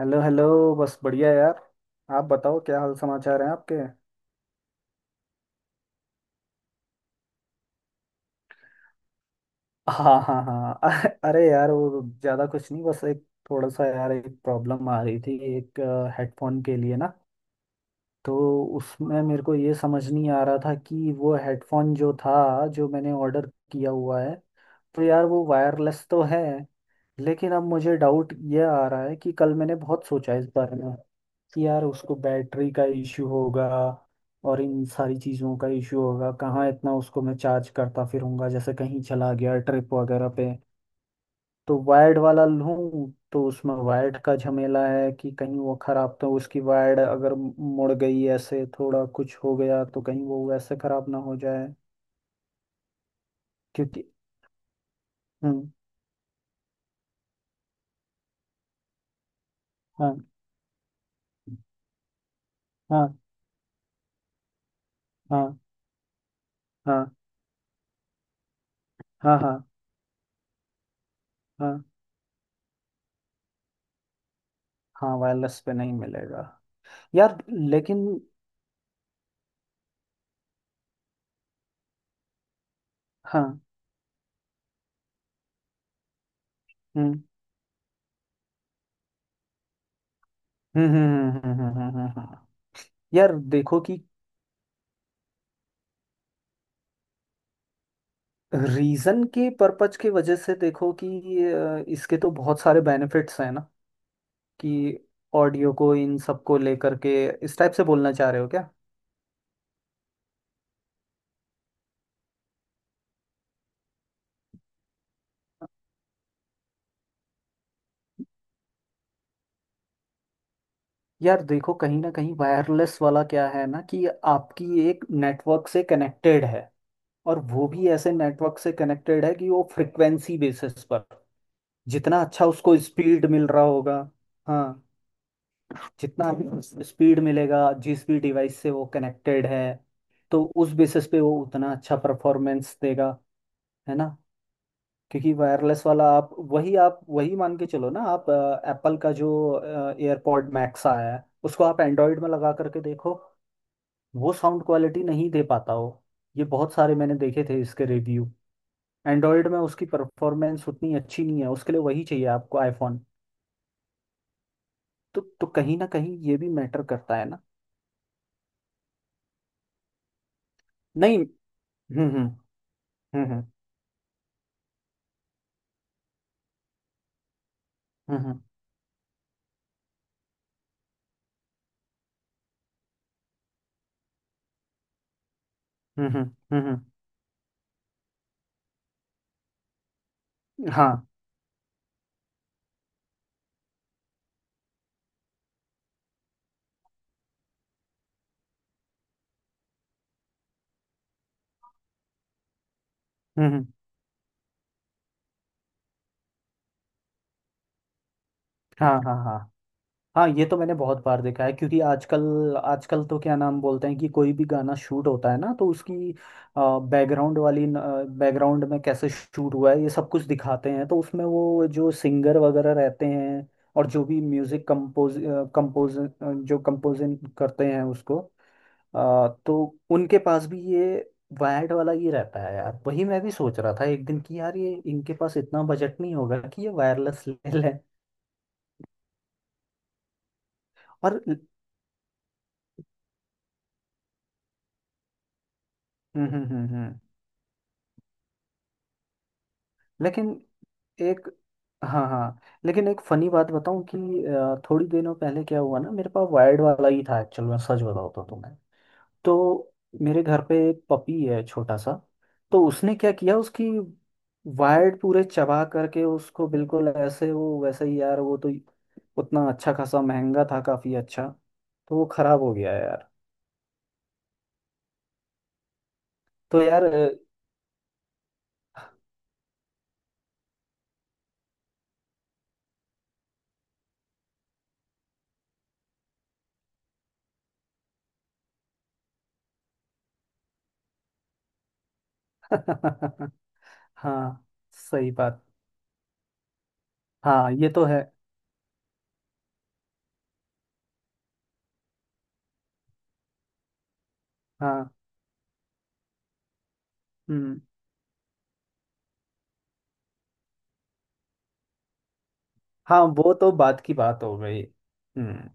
Hello hello. बस बढ़िया यार। आप बताओ, क्या हाल समाचार हैं आपके। हाँ हाँ हाँ, अरे यार, वो ज़्यादा कुछ नहीं, बस एक थोड़ा सा यार, एक प्रॉब्लम आ रही थी, एक हेडफोन के लिए ना। तो उसमें मेरे को ये समझ नहीं आ रहा था कि वो हेडफोन जो था, जो मैंने ऑर्डर किया हुआ है, तो यार वो वायरलेस तो है, लेकिन अब मुझे डाउट ये आ रहा है कि कल मैंने बहुत सोचा इस बारे में कि यार उसको बैटरी का इश्यू होगा और इन सारी चीज़ों का इश्यू होगा। कहाँ इतना उसको मैं चार्ज करता फिरूंगा, जैसे कहीं चला गया ट्रिप वगैरह पे। तो वायर्ड वाला लूं तो उसमें वायर्ड का झमेला है कि कहीं वो खराब, तो उसकी वायर्ड अगर मुड़ गई, ऐसे थोड़ा कुछ हो गया तो कहीं वो वैसे खराब ना हो जाए। क्योंकि हम्म, हाँ हाँ हाँ हाँ हाँ हाँ हाँ हाँ, वायरलेस पे नहीं मिलेगा यार, लेकिन हाँ। हम्म। हम्म हम्म, हम्म, हम्म, हम्म, हम्म, हम्म। हम्म, हम्म। यार देखो कि रीजन के पर्पज की वजह से देखो कि इसके तो बहुत सारे बेनिफिट्स हैं ना कि ऑडियो को इन सब को लेकर के इस टाइप से बोलना चाह रहे हो क्या। यार देखो, कहीं ना कहीं वायरलेस वाला क्या है ना कि आपकी एक नेटवर्क से कनेक्टेड है और वो भी ऐसे नेटवर्क से कनेक्टेड है कि वो फ्रिक्वेंसी बेसिस पर जितना अच्छा उसको स्पीड मिल रहा होगा। हाँ, जितना स्पीड मिलेगा जिस भी डिवाइस से वो कनेक्टेड है, तो उस बेसिस पे वो उतना अच्छा परफॉर्मेंस देगा, है ना। क्योंकि वायरलेस वाला आप वही मान के चलो ना। आप एप्पल का जो एयरपॉड मैक्स आया है उसको आप एंड्रॉयड में लगा करके देखो, वो साउंड क्वालिटी नहीं दे पाता हो। ये बहुत सारे मैंने देखे थे इसके रिव्यू। एंड्रॉयड में उसकी परफॉर्मेंस उतनी अच्छी नहीं है, उसके लिए वही चाहिए आपको आईफोन। तो कहीं ना कहीं ये भी मैटर करता है ना। नहीं, हम्म हम्म हम्म हम्म हम्म हम्म। हम्म हम्म हम्म, हम्म। हाँ, हम्म हम्म, हाँ हाँ हाँ। हाँ ये तो मैंने बहुत बार देखा है क्योंकि आजकल आजकल तो क्या नाम बोलते हैं कि कोई भी गाना शूट होता है ना तो उसकी बैकग्राउंड में कैसे शूट हुआ है ये सब कुछ दिखाते हैं, तो उसमें वो जो सिंगर वगैरह रहते हैं और जो भी म्यूजिक कंपोज कंपोज जो कंपोजिंग करते हैं उसको, तो उनके पास भी ये वायर्ड वाला ही रहता है यार। वही मैं भी सोच रहा था एक दिन कि यार ये इनके पास इतना बजट नहीं होगा कि ये वायरलेस ले लें। और हम्म हम्म हम्म। लेकिन एक, हाँ हाँ, लेकिन एक फनी बात बताऊं कि थोड़ी दिनों पहले क्या हुआ ना, मेरे पास वायर्ड वाला ही था एक्चुअल में, सच बताऊं तो तुम्हें। तो मेरे घर पे एक पपी है छोटा सा, तो उसने क्या किया उसकी वायर्ड पूरे चबा करके उसको बिल्कुल ऐसे, वो वैसे ही यार, वो तो उतना अच्छा खासा महंगा था, काफी अच्छा। तो वो खराब हो गया यार। तो यार हाँ, सही बात। हाँ ये तो है। हाँ हम्म। हाँ वो तो बात की बात हो गई। हम्म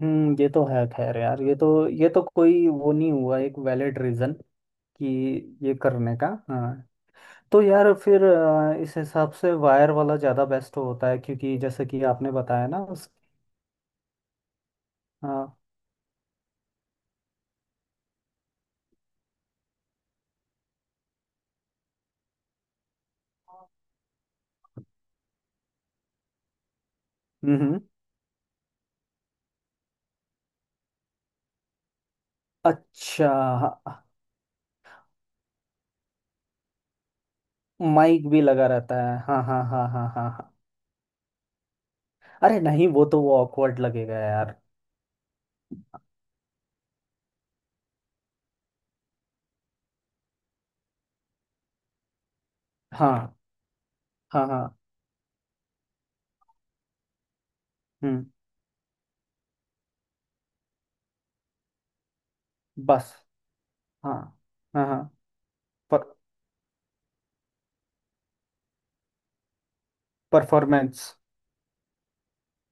हम्म, ये तो है। खैर यार, ये तो कोई वो नहीं हुआ, एक वैलिड रीजन कि ये करने का। हाँ, तो यार फिर इस हिसाब से वायर वाला ज़्यादा बेस्ट होता है क्योंकि जैसे कि आपने बताया ना उस। हाँ, हम्म, अच्छा, हाँ, माइक भी लगा रहता है, हाँ हाँ हाँ हाँ हाँ हाँ। अरे नहीं, वो तो वो ऑकवर्ड लगेगा यार। हाँ हाँ हाँ। हम्म, बस, हाँ हाँ हाँ। पर परफॉर्मेंस,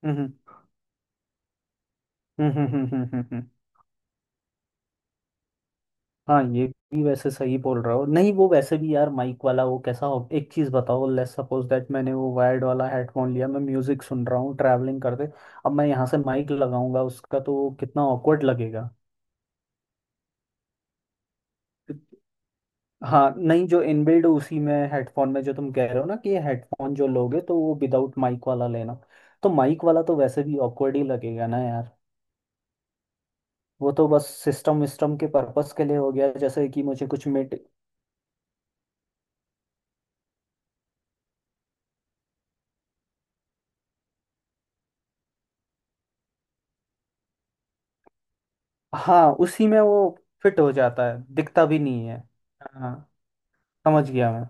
हम्म हम्म हम्म हम्म हम्म हम्म हम्म। हाँ ये भी वैसे सही बोल रहा हो। नहीं, वो वैसे भी यार माइक वाला वो कैसा हो, एक चीज़ बताओ, लेट्स सपोज दैट मैंने वो वायर्ड वाला हेडफोन लिया, मैं म्यूजिक सुन रहा हूँ ट्रैवलिंग करते, अब मैं यहाँ से माइक लगाऊंगा उसका, तो कितना ऑकवर्ड लगेगा। हाँ नहीं, जो इनबिल्ड उसी में हेडफोन में जो तुम कह रहे हो ना कि ये हेडफोन जो लोगे तो वो विदाउट माइक वाला लेना। तो माइक वाला तो वैसे भी ऑकवर्ड ही लगेगा ना यार। वो तो बस सिस्टम विस्टम के पर्पस के लिए हो गया जैसे कि मुझे कुछ। हाँ, उसी में वो फिट हो जाता है, दिखता भी नहीं है। हाँ, समझ गया मैं।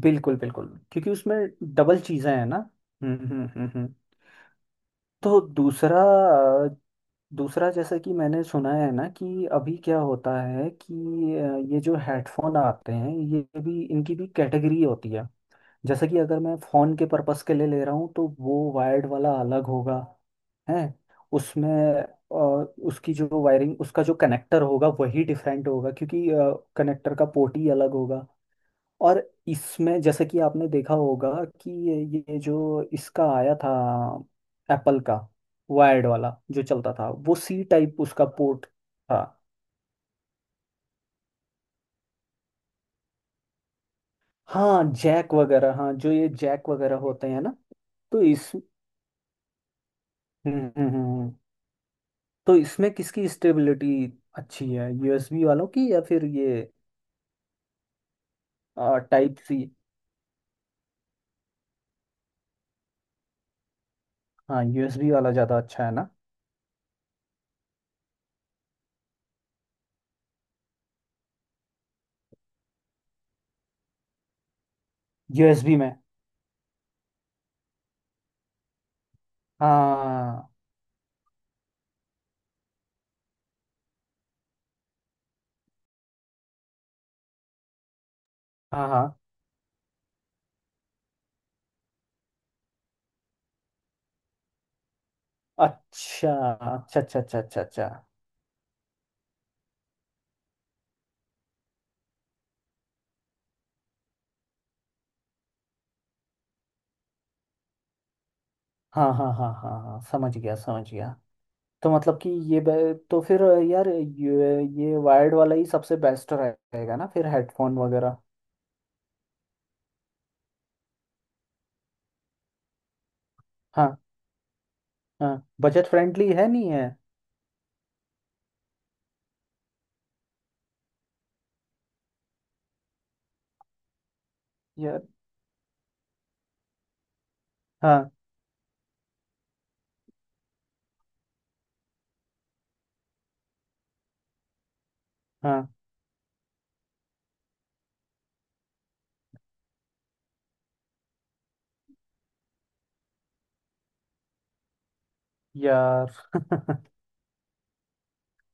बिल्कुल बिल्कुल, क्योंकि उसमें डबल चीजें हैं ना। हम्म हम्म हम्म हम्म। तो दूसरा दूसरा जैसा कि मैंने सुना है ना कि अभी क्या होता है कि ये जो हेडफोन आते हैं ये भी, इनकी भी कैटेगरी होती है। जैसे कि अगर मैं फ़ोन के पर्पस के लिए ले रहा हूँ तो वो वायर्ड वाला अलग होगा। है उसमें, अ, उसकी जो वायरिंग, उसका जो कनेक्टर होगा वही डिफरेंट होगा, क्योंकि कनेक्टर का पोर्ट ही अलग होगा। और इसमें जैसे कि आपने देखा होगा कि ये जो इसका आया था एप्पल का वायर्ड वाला जो चलता था, वो सी टाइप उसका पोर्ट था। हाँ जैक वगैरह, हाँ जो ये जैक वगैरह होते हैं ना तो इस, हम्म हम्म हम्म, हम्म। तो इसमें किसकी स्टेबिलिटी अच्छी है, यूएसबी वालों की या फिर ये टाइप सी। हाँ यूएसबी वाला ज़्यादा अच्छा है ना। यूएसबी में, हाँ हाँ हाँ। अच्छा अच्छा अच्छा अच्छा अच्छा अच्छा। हाँ हाँ हाँ हाँ हाँ, समझ गया समझ गया। तो मतलब कि तो फिर यार ये वायर्ड वाला ही सबसे बेस्ट रहेगा ना फिर हेडफोन वगैरह। हाँ, हाँ बजट फ्रेंडली है नहीं है। यार हाँ हाँ यार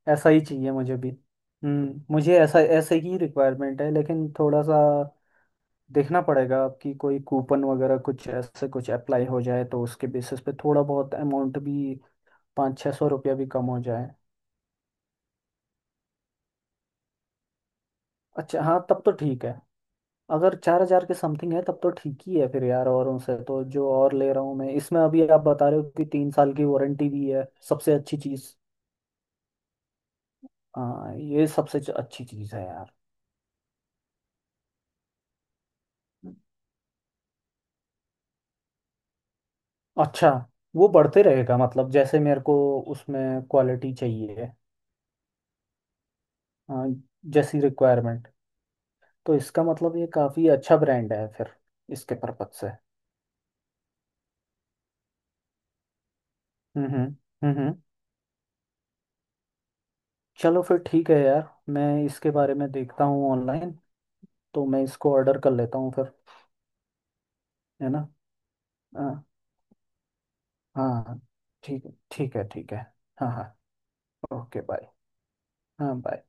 ऐसा ही चाहिए मुझे भी। हम्म, मुझे ऐसा ऐसे ही रिक्वायरमेंट है, लेकिन थोड़ा सा देखना पड़ेगा आपकी कोई कूपन वगैरह कुछ ऐसे कुछ अप्लाई हो जाए, तो उसके बेसिस पे थोड़ा बहुत अमाउंट भी, 500-600 रुपया भी कम हो जाए। अच्छा हाँ, तब तो ठीक है। अगर 4000 के समथिंग है तब तो ठीक ही है फिर यार, औरों से तो। जो और ले रहा हूँ मैं, इसमें अभी आप बता रहे हो कि 3 साल की वारंटी भी है, सबसे अच्छी चीज़। हाँ ये सबसे अच्छी चीज़ है यार। अच्छा, वो बढ़ते रहेगा, मतलब जैसे मेरे को उसमें क्वालिटी चाहिए। अ, जैसी रिक्वायरमेंट। तो इसका मतलब ये काफ़ी अच्छा ब्रांड है फिर, इसके पर्पज से। हम्म हम्म हम्म हम्म। चलो फिर ठीक है यार, मैं इसके बारे में देखता हूँ ऑनलाइन, तो मैं इसको ऑर्डर कर लेता हूँ फिर। है ना, हाँ हाँ, ठीक, ठीक है ठीक है, हाँ हाँ, ओके बाय। हाँ बाय।